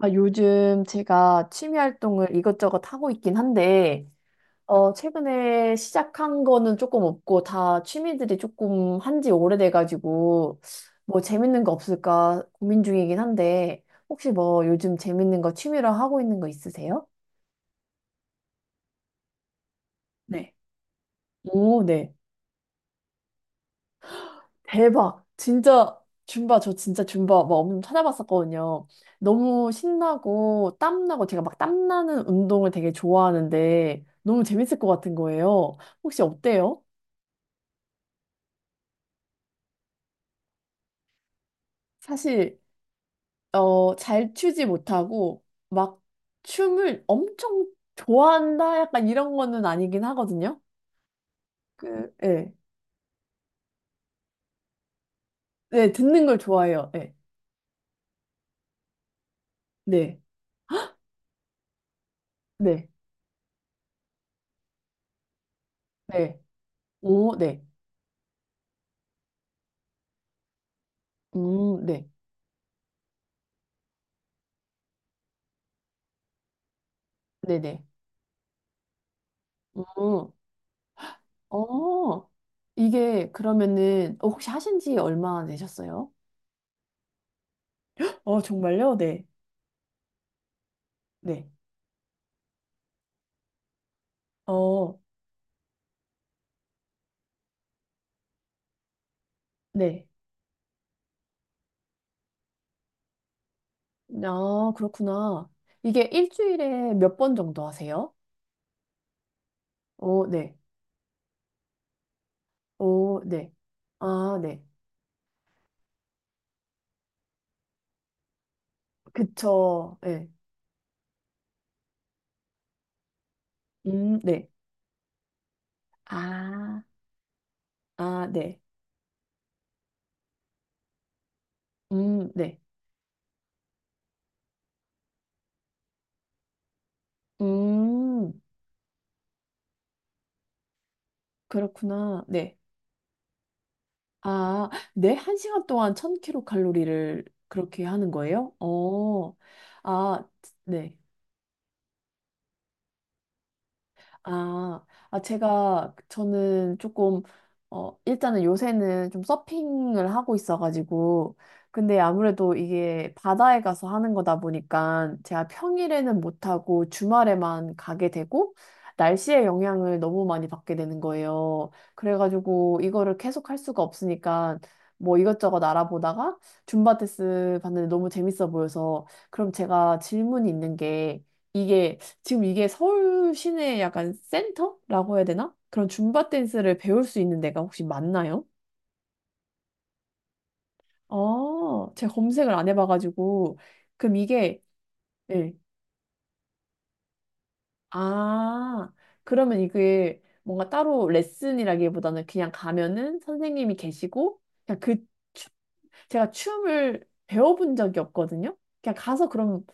아, 요즘 제가 취미 활동을 이것저것 하고 있긴 한데, 최근에 시작한 거는 조금 없고, 다 취미들이 조금 한지 오래돼가지고, 뭐 재밌는 거 없을까 고민 중이긴 한데, 혹시 뭐 요즘 재밌는 거 취미로 하고 있는 거 있으세요? 네. 오, 네. 대박. 진짜 줌바 저 진짜 줌바 막 엄청 찾아봤었거든요. 너무 신나고 땀나고 제가 막 땀나는 운동을 되게 좋아하는데 너무 재밌을 것 같은 거예요. 혹시 어때요? 사실 잘 추지 못하고 막 춤을 엄청 좋아한다 약간 이런 거는 아니긴 하거든요. 그 예. 네, 듣는 걸 좋아해요. 네. 네. 네. 네. 오, 네. 네. 네네. 음. 어. 이게 그러면은 혹시 하신 지 얼마나 되셨어요? 어, 정말요? 네. 네. 어, 네. 아, 그렇구나. 이게 일주일에 몇 번 정도 하세요? 어, 네. 어, 네. 아, 네. 그쵸. 네. 네. 아, 아, 네. 네. 음, 그렇구나. 네. 아, 네. 1시간 동안 1000kcal 칼로리를 그렇게 하는 거예요? 어, 아, 네. 아, 아, 저는 조금, 일단은 요새는 좀 서핑을 하고 있어가지고, 근데 아무래도 이게 바다에 가서 하는 거다 보니까, 제가 평일에는 못하고 주말에만 가게 되고, 날씨의 영향을 너무 많이 받게 되는 거예요. 그래가지고, 이거를 계속 할 수가 없으니까, 뭐 이것저것 알아보다가, 줌바 테스 봤는데 너무 재밌어 보여서, 그럼 제가 질문이 있는 게, 이게, 지금 이게 서울 시내 약간 센터라고 해야 되나? 그런 줌바 댄스를 배울 수 있는 데가 혹시 맞나요? 아, 제가 검색을 안 해봐가지고. 그럼 이게, 예. 아, 그러면 이게 뭔가 따로 레슨이라기보다는 그냥 가면은 선생님이 계시고, 그냥 그 제가 춤을 배워본 적이 없거든요. 그냥 가서 그럼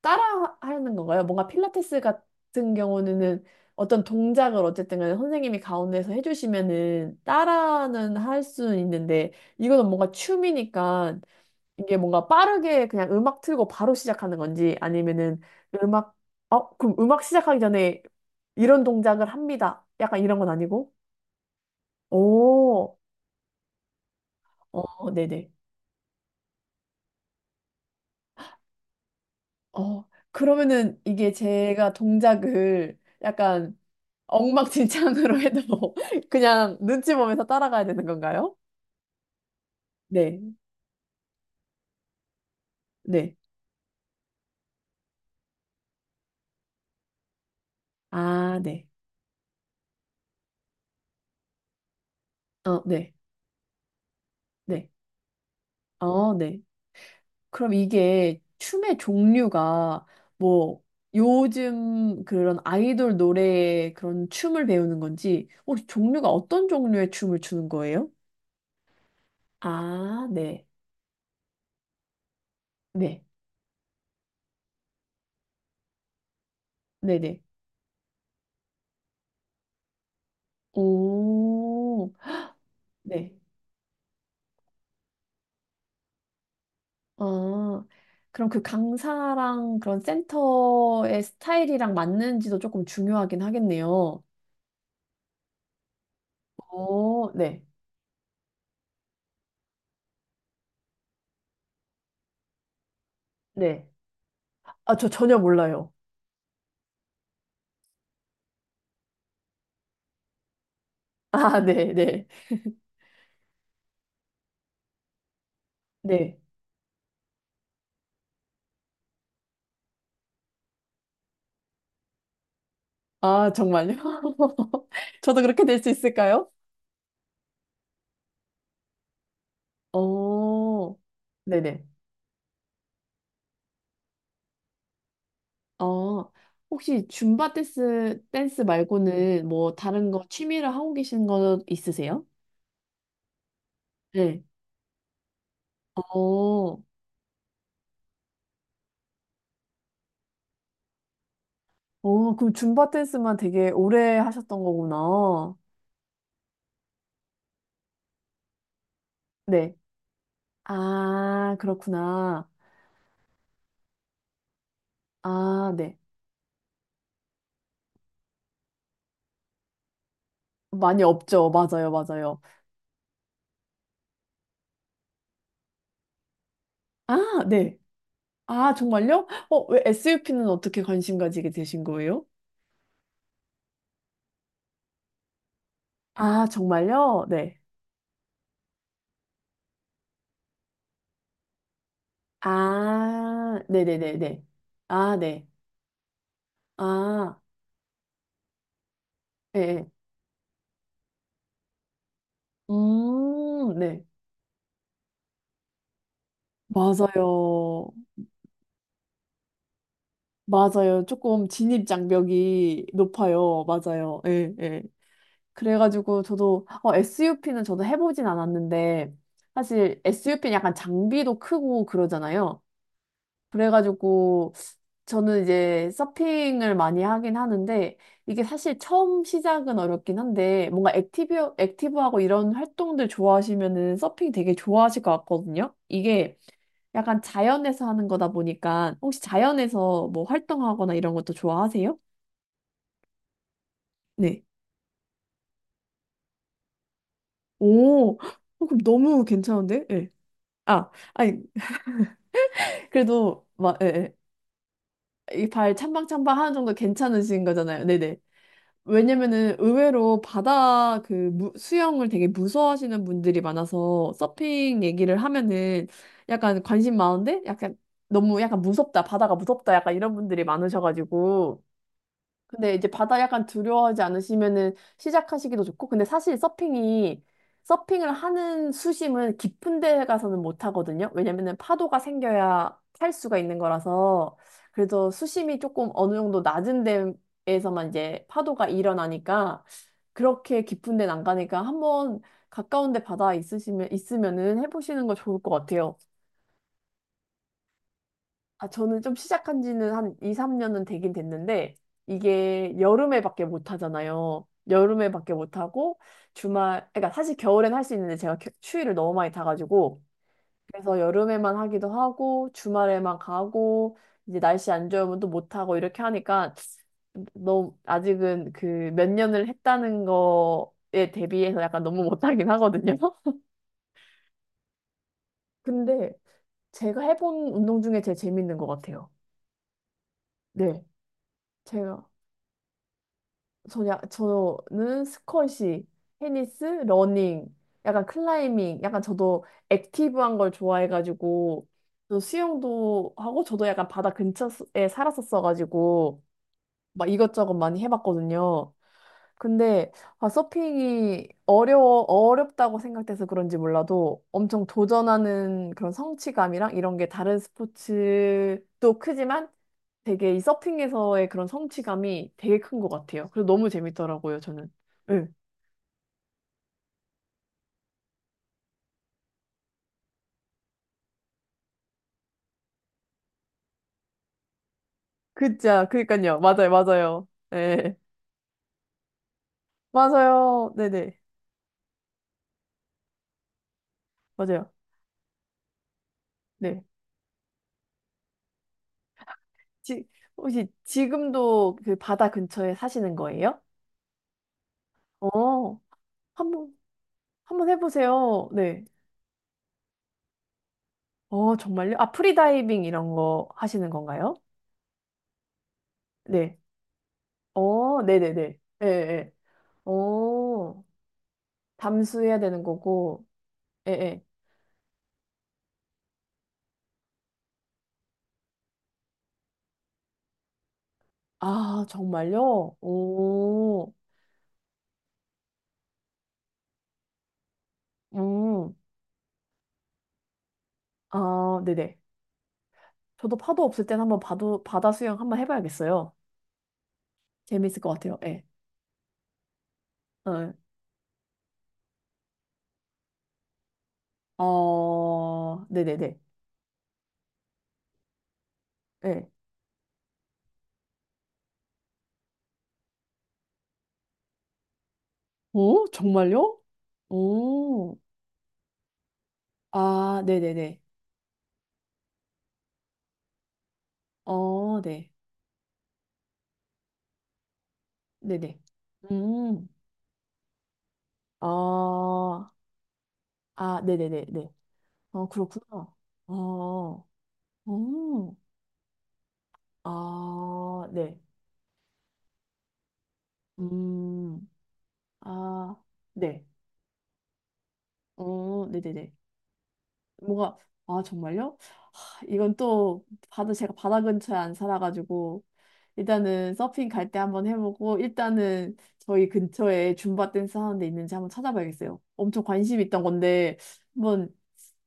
따라 하는 건가요? 뭔가 필라테스 같은 경우는 어떤 동작을 어쨌든 간에 선생님이 가운데서 해주시면은 따라는 할 수는 있는데 이거는 뭔가 춤이니까 이게 뭔가 빠르게 그냥 음악 틀고 바로 시작하는 건지 아니면은 음악 어 그럼 음악 시작하기 전에 이런 동작을 합니다. 약간 이런 건 아니고 오, 어, 네네. 어, 그러면은 이게 제가 동작을 약간 엉망진창으로 해도 뭐 그냥 눈치 보면서 따라가야 되는 건가요? 네, 네. 아, 네. 어, 네, 네. 어, 네. 그럼 이게 춤의 종류가 뭐 요즘 그런 아이돌 노래의 그런 춤을 배우는 건지 혹시 종류가 어떤 종류의 춤을 추는 거예요? 아, 네. 네. 네네. 오, 네. 어, 그럼 그 강사랑 그런 센터의 스타일이랑 맞는지도 조금 중요하긴 하겠네요. 어, 네, 네. 아, 저 전혀 몰라요. 아, 네, 네, 네. 아, 정말요? 저도 그렇게 될 수 있을까요? 어, 네네. 어, 혹시 줌바 댄스, 말고는 뭐 다른 거 취미를 하고 계신 거 있으세요? 네. 어, 그럼 줌바 댄스만 되게 오래 하셨던 거구나. 네. 아, 그렇구나. 아, 네. 많이 없죠. 맞아요, 맞아요. 아, 네. 아, 정말요? 어, 왜 SUP는 어떻게 관심 가지게 되신 거예요? 아, 정말요? 네. 아, 네네네네. 아, 네. 아, 예. 예. 네. 맞아요. 맞아요. 조금 진입 장벽이 높아요. 맞아요. 예, 예. 그래가지고 저도 SUP는 저도 해보진 않았는데 사실 SUP는 약간 장비도 크고 그러잖아요. 그래가지고 저는 이제 서핑을 많이 하긴 하는데 이게 사실 처음 시작은 어렵긴 한데 뭔가 액티브하고 이런 활동들 좋아하시면은 서핑 되게 좋아하실 것 같거든요. 이게 약간 자연에서 하는 거다 보니까 혹시 자연에서 뭐 활동하거나 이런 것도 좋아하세요? 네. 오, 헉, 그럼 너무 괜찮은데? 예. 아, 아니, 그래도 막, 예, 예. 이발 찬방찬방 하는 정도 괜찮으신 거잖아요. 네네. 왜냐면은 의외로 바다 그 수영을 되게 무서워하시는 분들이 많아서 서핑 얘기를 하면은 약간 관심 많은데 약간 너무 약간 무섭다, 바다가 무섭다 약간 이런 분들이 많으셔가지고 근데 이제 바다 약간 두려워하지 않으시면은 시작하시기도 좋고, 근데 사실 서핑을 하는 수심은 깊은 데 가서는 못 하거든요. 왜냐면은 파도가 생겨야 탈 수가 있는 거라서, 그래서 수심이 조금 어느 정도 낮은 데에서만 이제 파도가 일어나니까, 그렇게 깊은 데는 안 가니까 한번 가까운 데 바다 있으면은 해보시는 거 좋을 것 같아요. 아, 저는 좀 시작한 지는 한 2, 3년은 되긴 됐는데, 이게 여름에밖에 못 하잖아요. 여름에밖에 못 하고, 주말, 그러니까 사실 겨울엔 할 수 있는데 제가 추위를 너무 많이 타가지고, 그래서 여름에만 하기도 하고, 주말에만 가고, 이제 날씨 안 좋으면 또 못 하고, 이렇게 하니까, 너무, 아직은 그 몇 년을 했다는 거에 대비해서 약간 너무 못하긴 하거든요. 근데 제가 해본 운동 중에 제일 재밌는 것 같아요. 네. 제가. 저는 스쿼시, 테니스, 러닝, 약간 클라이밍, 약간 저도 액티브한 걸 좋아해가지고, 저 수영도 하고, 저도 약간 바다 근처에 살았었어가지고, 막 이것저것 많이 해봤거든요. 근데 아, 서핑이 어려워 어렵다고 생각돼서 그런지 몰라도 엄청 도전하는 그런 성취감이랑 이런 게 다른 스포츠도 크지만 되게 이 서핑에서의 그런 성취감이 되게 큰 것 같아요. 그래서 너무 재밌더라고요, 저는. 응. 그니까요. 맞아요, 맞아요. 네. 맞아요. 네네. 맞아요. 네. 지, 혹시 지금도 그 바다 근처에 사시는 거예요? 어, 한번, 한번 해보세요. 네. 어, 정말요? 아, 프리다이빙 이런 거 하시는 건가요? 네. 어, 네네네. 예, 예. 어, 담수해야 되는 거고. 예, 예. 아, 정말요? 오, 음, 아, 네네. 저도 파도 없을 땐 한번 바다 수영 한번 해봐야겠어요. 재밌을 것 같아요. 예. 어, 예. 어, 네네네. 예. 오, 정말요? 오, 아, 네네네. 어, 네. 네네. 음. 아, 아, 네네네네. 어, 그렇구나. 어, 음 아, 네. 음, 아, 네. 어, 네네네. 뭔가, 아, 정말요? 하, 이건 또, 바다, 제가 바다 근처에 안 살아가지고, 일단은 서핑 갈 때 한번 해보고, 일단은 저희 근처에 줌바 댄스 하는 데 있는지 한번 찾아봐야겠어요. 엄청 관심 이 있던 건데, 한번,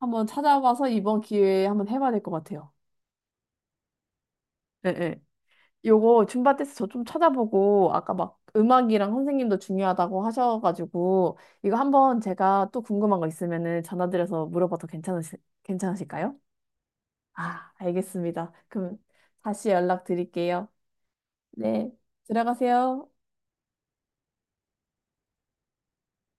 한번 찾아봐서 이번 기회에 한번 해봐야 될 것 같아요. 네 요거 줌바 댄스 저 좀 찾아보고 아까 막 음악이랑 선생님도 중요하다고 하셔가지고 이거 한번 제가 또 궁금한 거 있으면은 전화드려서 물어봐도 괜찮으실까요? 아, 알겠습니다. 그럼 다시 연락드릴게요. 네, 들어가세요.